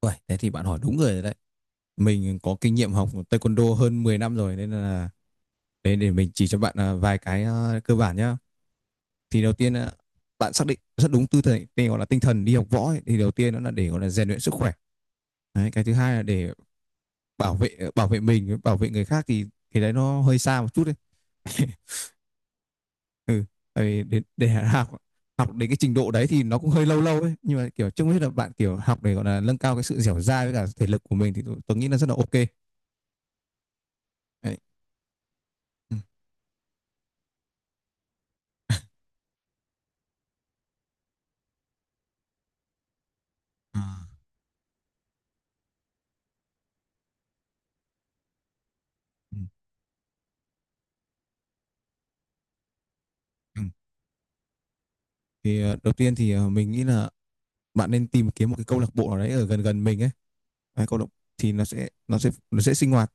Uầy, thế thì bạn hỏi đúng người rồi đấy. Mình có kinh nghiệm học taekwondo hơn 10 năm rồi nên là để mình chỉ cho bạn vài cái cơ bản nhá. Thì đầu tiên là bạn xác định rất đúng tư thế, tên gọi là tinh thần đi học võ ấy. Thì đầu tiên nó là để gọi là rèn luyện sức khỏe. Đấy, cái thứ hai là để bảo vệ mình, bảo vệ người khác, thì đấy nó hơi xa một chút đấy. Ừ, tại vì để học học đến cái trình độ đấy thì nó cũng hơi lâu lâu ấy, nhưng mà kiểu chung hết là bạn kiểu học để gọi là nâng cao cái sự dẻo dai với cả thể lực của mình thì tôi nghĩ là rất là ok đấy. Ừ. À, ừ. Ừ. Thì đầu tiên thì mình nghĩ là bạn nên tìm kiếm một cái câu lạc bộ nào đấy ở gần gần mình ấy. Đấy, câu lạc thì nó sẽ sinh hoạt.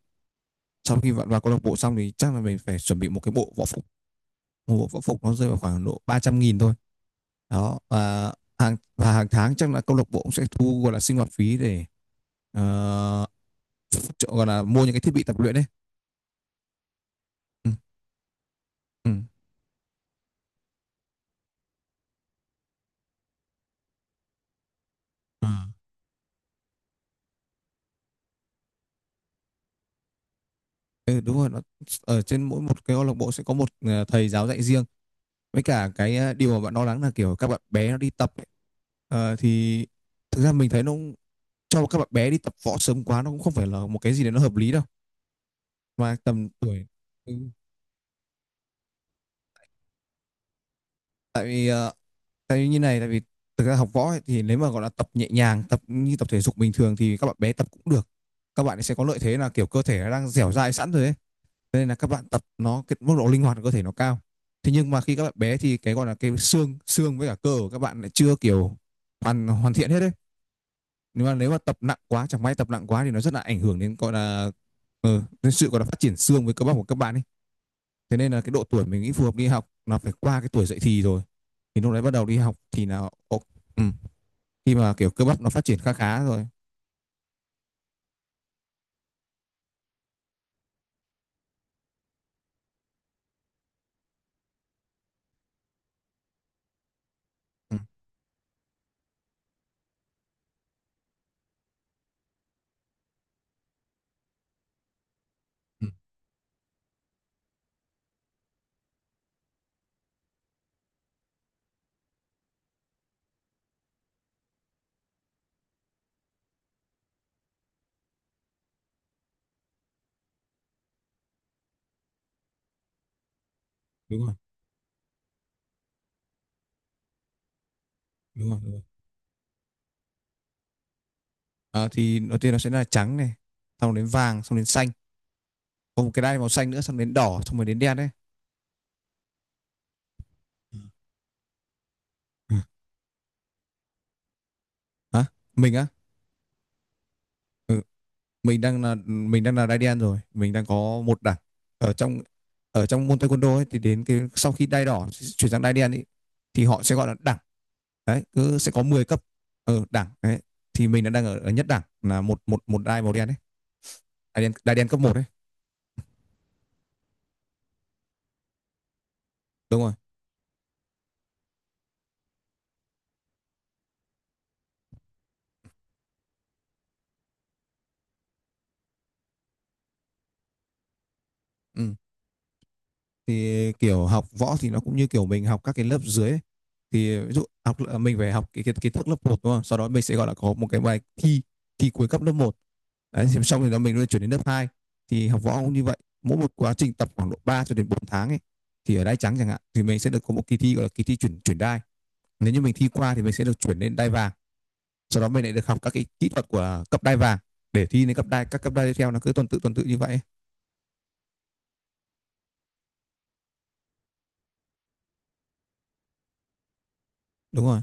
Sau khi bạn vào câu lạc bộ xong thì chắc là mình phải chuẩn bị một cái bộ võ phục. Một bộ võ phục nó rơi vào khoảng độ 300.000 thôi. Đó, và hàng tháng chắc là câu lạc bộ cũng sẽ thu gọi là sinh hoạt phí để ờ, gọi là mua những cái thiết bị tập luyện ấy. Ừm. Ừm. Ờ. Ừ, đúng rồi, nó ở trên mỗi một cái câu lạc bộ sẽ có một thầy giáo dạy riêng. Với cả cái điều mà bạn lo lắng là kiểu các bạn bé nó đi tập ấy, thì thực ra mình thấy cho các bạn bé đi tập võ sớm quá nó cũng không phải là một cái gì đấy nó hợp lý đâu. Mà tầm tuổi, ừ, tại vì, ờ, tại vì như này, tại vì thực ra học võ ấy, thì nếu mà gọi là tập nhẹ nhàng, tập như tập thể dục bình thường thì các bạn bé tập cũng được. Các bạn ấy sẽ có lợi thế là kiểu cơ thể nó đang dẻo dai sẵn rồi ấy. Nên là các bạn tập nó, cái mức độ linh hoạt của cơ thể nó cao, thế nhưng mà khi các bạn bé thì cái gọi là cái xương xương với cả cơ của các bạn lại chưa kiểu hoàn hoàn thiện hết đấy. Nếu mà tập nặng quá, chẳng may tập nặng quá thì nó rất là ảnh hưởng đến gọi là đến sự gọi là phát triển xương với cơ bắp của các bạn ấy. Thế nên là cái độ tuổi mình nghĩ phù hợp đi học là phải qua cái tuổi dậy thì rồi, thì lúc đấy bắt đầu đi học thì là ừ, khi mà kiểu cơ bắp nó phát triển khá khá rồi. Ừ. Ừ, đúng rồi, đúng rồi, đúng rồi. À, thì đầu tiên nó sẽ là trắng này, xong đến vàng, xong đến xanh, có một cái đai màu xanh nữa, xong đến đỏ, xong rồi đến đen đấy. Hả? Mình á? Mình đang là đai đen rồi, mình đang có một đẳng. Ở trong ở trong môn taekwondo ấy, thì đến cái sau khi đai đỏ chuyển sang đai đen ấy, thì họ sẽ gọi là đẳng. Đấy, cứ sẽ có 10 cấp. Đẳng đấy. Thì mình đang ở nhất đẳng, là một một một đai màu đen đấy. Đai đen, đai đen cấp một đấy. Đúng rồi. Ừ, thì kiểu học võ thì nó cũng như kiểu mình học các cái lớp dưới ấy. Thì ví dụ học, mình phải học cái kiến kiến thức lớp một đúng không, sau đó mình sẽ gọi là có một cái bài thi thi cuối cấp lớp một. Đấy, thì xong rồi đó mình lại chuyển đến lớp hai, thì học võ cũng như vậy. Mỗi một quá trình tập khoảng độ 3 cho đến 4 tháng ấy, thì ở đai trắng chẳng hạn thì mình sẽ được có một kỳ thi, gọi là kỳ thi chuyển chuyển đai. Nếu như mình thi qua thì mình sẽ được chuyển lên đai vàng, sau đó mình lại được học các cái kỹ thuật của cấp đai vàng, để thi đến cấp đai, các cấp đai tiếp theo, nó cứ tuần tự như vậy. Đúng rồi.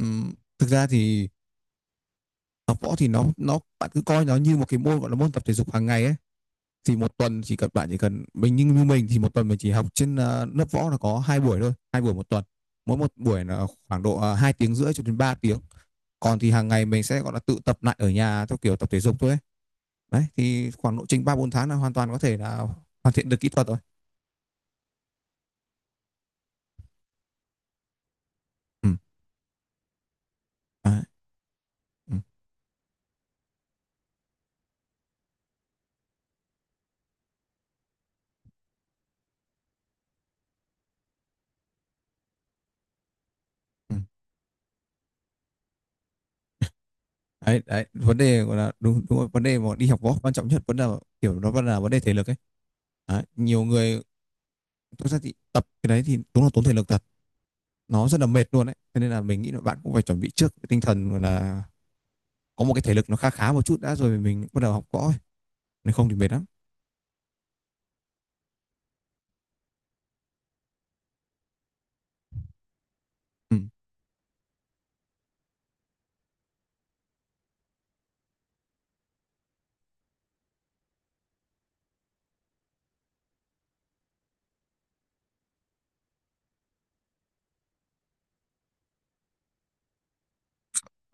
uhm, thực ra thì học võ thì nó bạn cứ coi nó như một cái môn, gọi là môn tập thể dục hàng ngày ấy. Thì một tuần chỉ cần mình, như như mình thì một tuần mình chỉ học trên lớp võ là có hai buổi thôi, 2 buổi một tuần. Mỗi một buổi là khoảng độ hai tiếng rưỡi cho đến 3 tiếng. Còn thì hàng ngày mình sẽ gọi là tự tập lại ở nhà theo kiểu tập thể dục thôi ấy. Đấy, thì khoảng lộ trình ba bốn tháng là hoàn toàn có thể là hoàn thiện được kỹ thuật rồi. Ừ. Đấy. Ừ. Ừ. Đấy, đấy, vấn đề gọi là đúng, đúng rồi. Vấn đề mà đi học võ quan trọng nhất vẫn là kiểu, nó vẫn là vấn đề thể lực ấy. Đấy, nhiều người thực ra thì tập cái đấy thì đúng là tốn thể lực thật, nó rất là mệt luôn đấy. Thế nên là mình nghĩ là bạn cũng phải chuẩn bị trước cái tinh thần, gọi là có một cái thể lực nó khá khá một chút đã rồi mình bắt đầu học võ ấy. Nếu không thì mệt lắm. Ừ.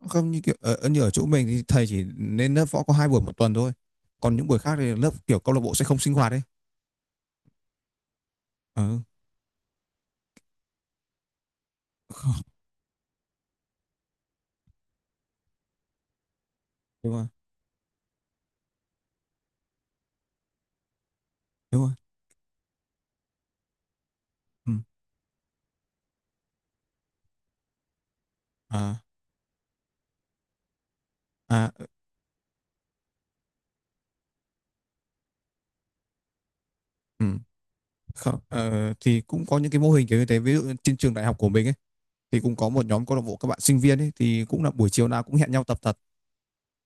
Không, như kiểu như ở chỗ mình thì thầy chỉ nên lớp võ có 2 buổi một tuần thôi, còn những buổi khác thì lớp kiểu câu lạc bộ sẽ không sinh hoạt đấy. Ừ. Không, đúng rồi, đúng rồi. Ừ. À. À. Ừ. Không, thì cũng có những cái mô hình kiểu như thế, ví dụ trên trường đại học của mình ấy, thì cũng có một nhóm câu lạc bộ các bạn sinh viên ấy, thì cũng là buổi chiều nào cũng hẹn nhau tập thật.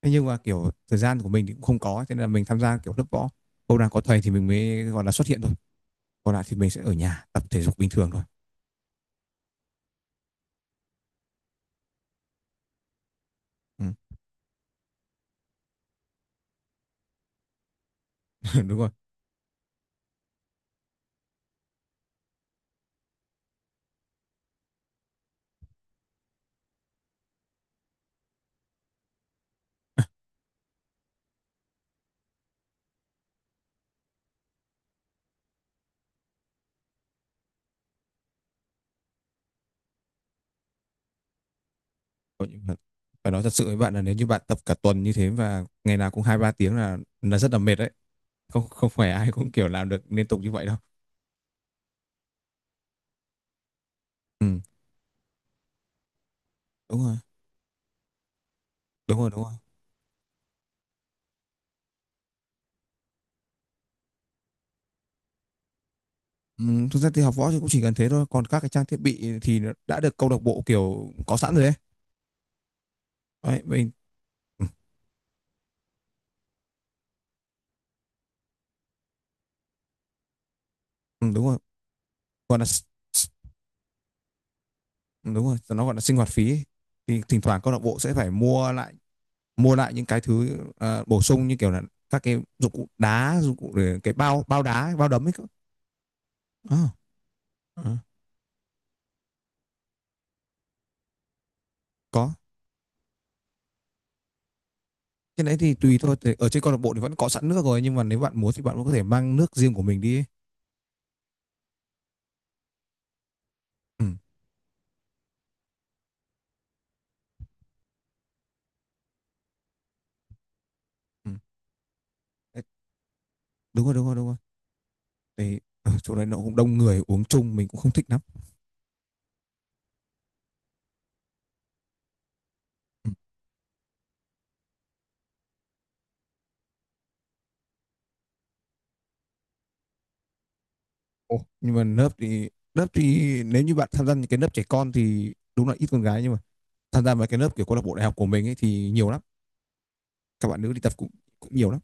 Thế nhưng mà kiểu thời gian của mình thì cũng không có, cho nên là mình tham gia kiểu lớp võ, hôm nào có thầy thì mình mới gọi là xuất hiện thôi, còn lại thì mình sẽ ở nhà tập thể dục bình thường thôi. Ừ. Đúng rồi. Có, phải nói thật sự với bạn là nếu như bạn tập cả tuần như thế và ngày nào cũng hai ba tiếng là rất là mệt đấy, không không phải ai cũng kiểu làm được liên tục như vậy đâu. Ừ. Đúng rồi, đúng rồi, đúng rồi. Ừ, thực ra thì học võ thì cũng chỉ cần thế thôi, còn các cái trang thiết bị thì nó đã được câu lạc bộ kiểu có sẵn rồi đấy. Đấy, mình. Ừ. Ừ, đúng rồi. còn là s- đúng rồi, nó gọi là sinh hoạt phí ấy. Thì thỉnh thoảng câu lạc bộ sẽ phải mua lại những cái thứ bổ sung, như kiểu là các cái dụng cụ đá, dụng cụ để cái bao bao đá, bao đấm ấy cơ. Ờ. Ờ. Có, cái đấy thì tùy thôi. Thì ở trên câu lạc bộ thì vẫn có sẵn nước rồi, nhưng mà nếu bạn muốn thì bạn cũng có thể mang nước riêng của mình đi ấy. Ừ. Ừ. Đấy, đúng rồi, đúng rồi, đúng rồi, thì ở chỗ đấy nó cũng đông người uống chung mình cũng không thích lắm. Ừ. Ồ, nhưng mà lớp thì, lớp thì nếu như bạn tham gia những cái lớp trẻ con thì đúng là ít con gái, nhưng mà tham gia vào cái lớp kiểu câu lạc bộ đại học của mình ấy thì nhiều lắm, các bạn nữ đi tập cũng cũng nhiều lắm.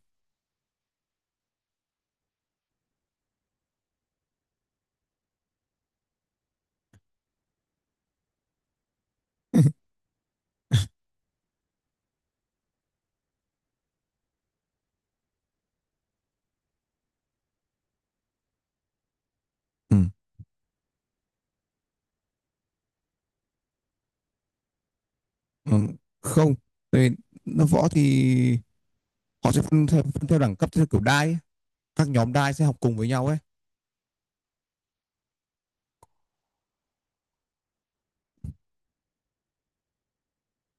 Ừ. Ừ. Không, tại vì nó võ thì họ sẽ phân theo đẳng cấp, theo kiểu đai ấy. Các nhóm đai sẽ học cùng với nhau ấy.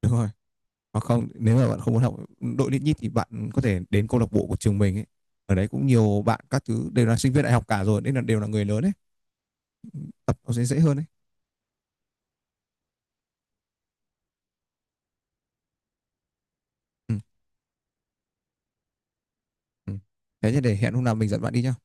Đúng rồi, hoặc không, nếu mà bạn không muốn học đội lít nhít thì bạn có thể đến câu lạc bộ của trường mình ấy, ở đấy cũng nhiều, bạn các thứ đều là sinh viên đại học cả rồi nên là đều là người lớn ấy, tập nó sẽ dễ hơn ấy. Ừ. Ừ, thế thì để hẹn hôm nào mình dẫn bạn đi nhá.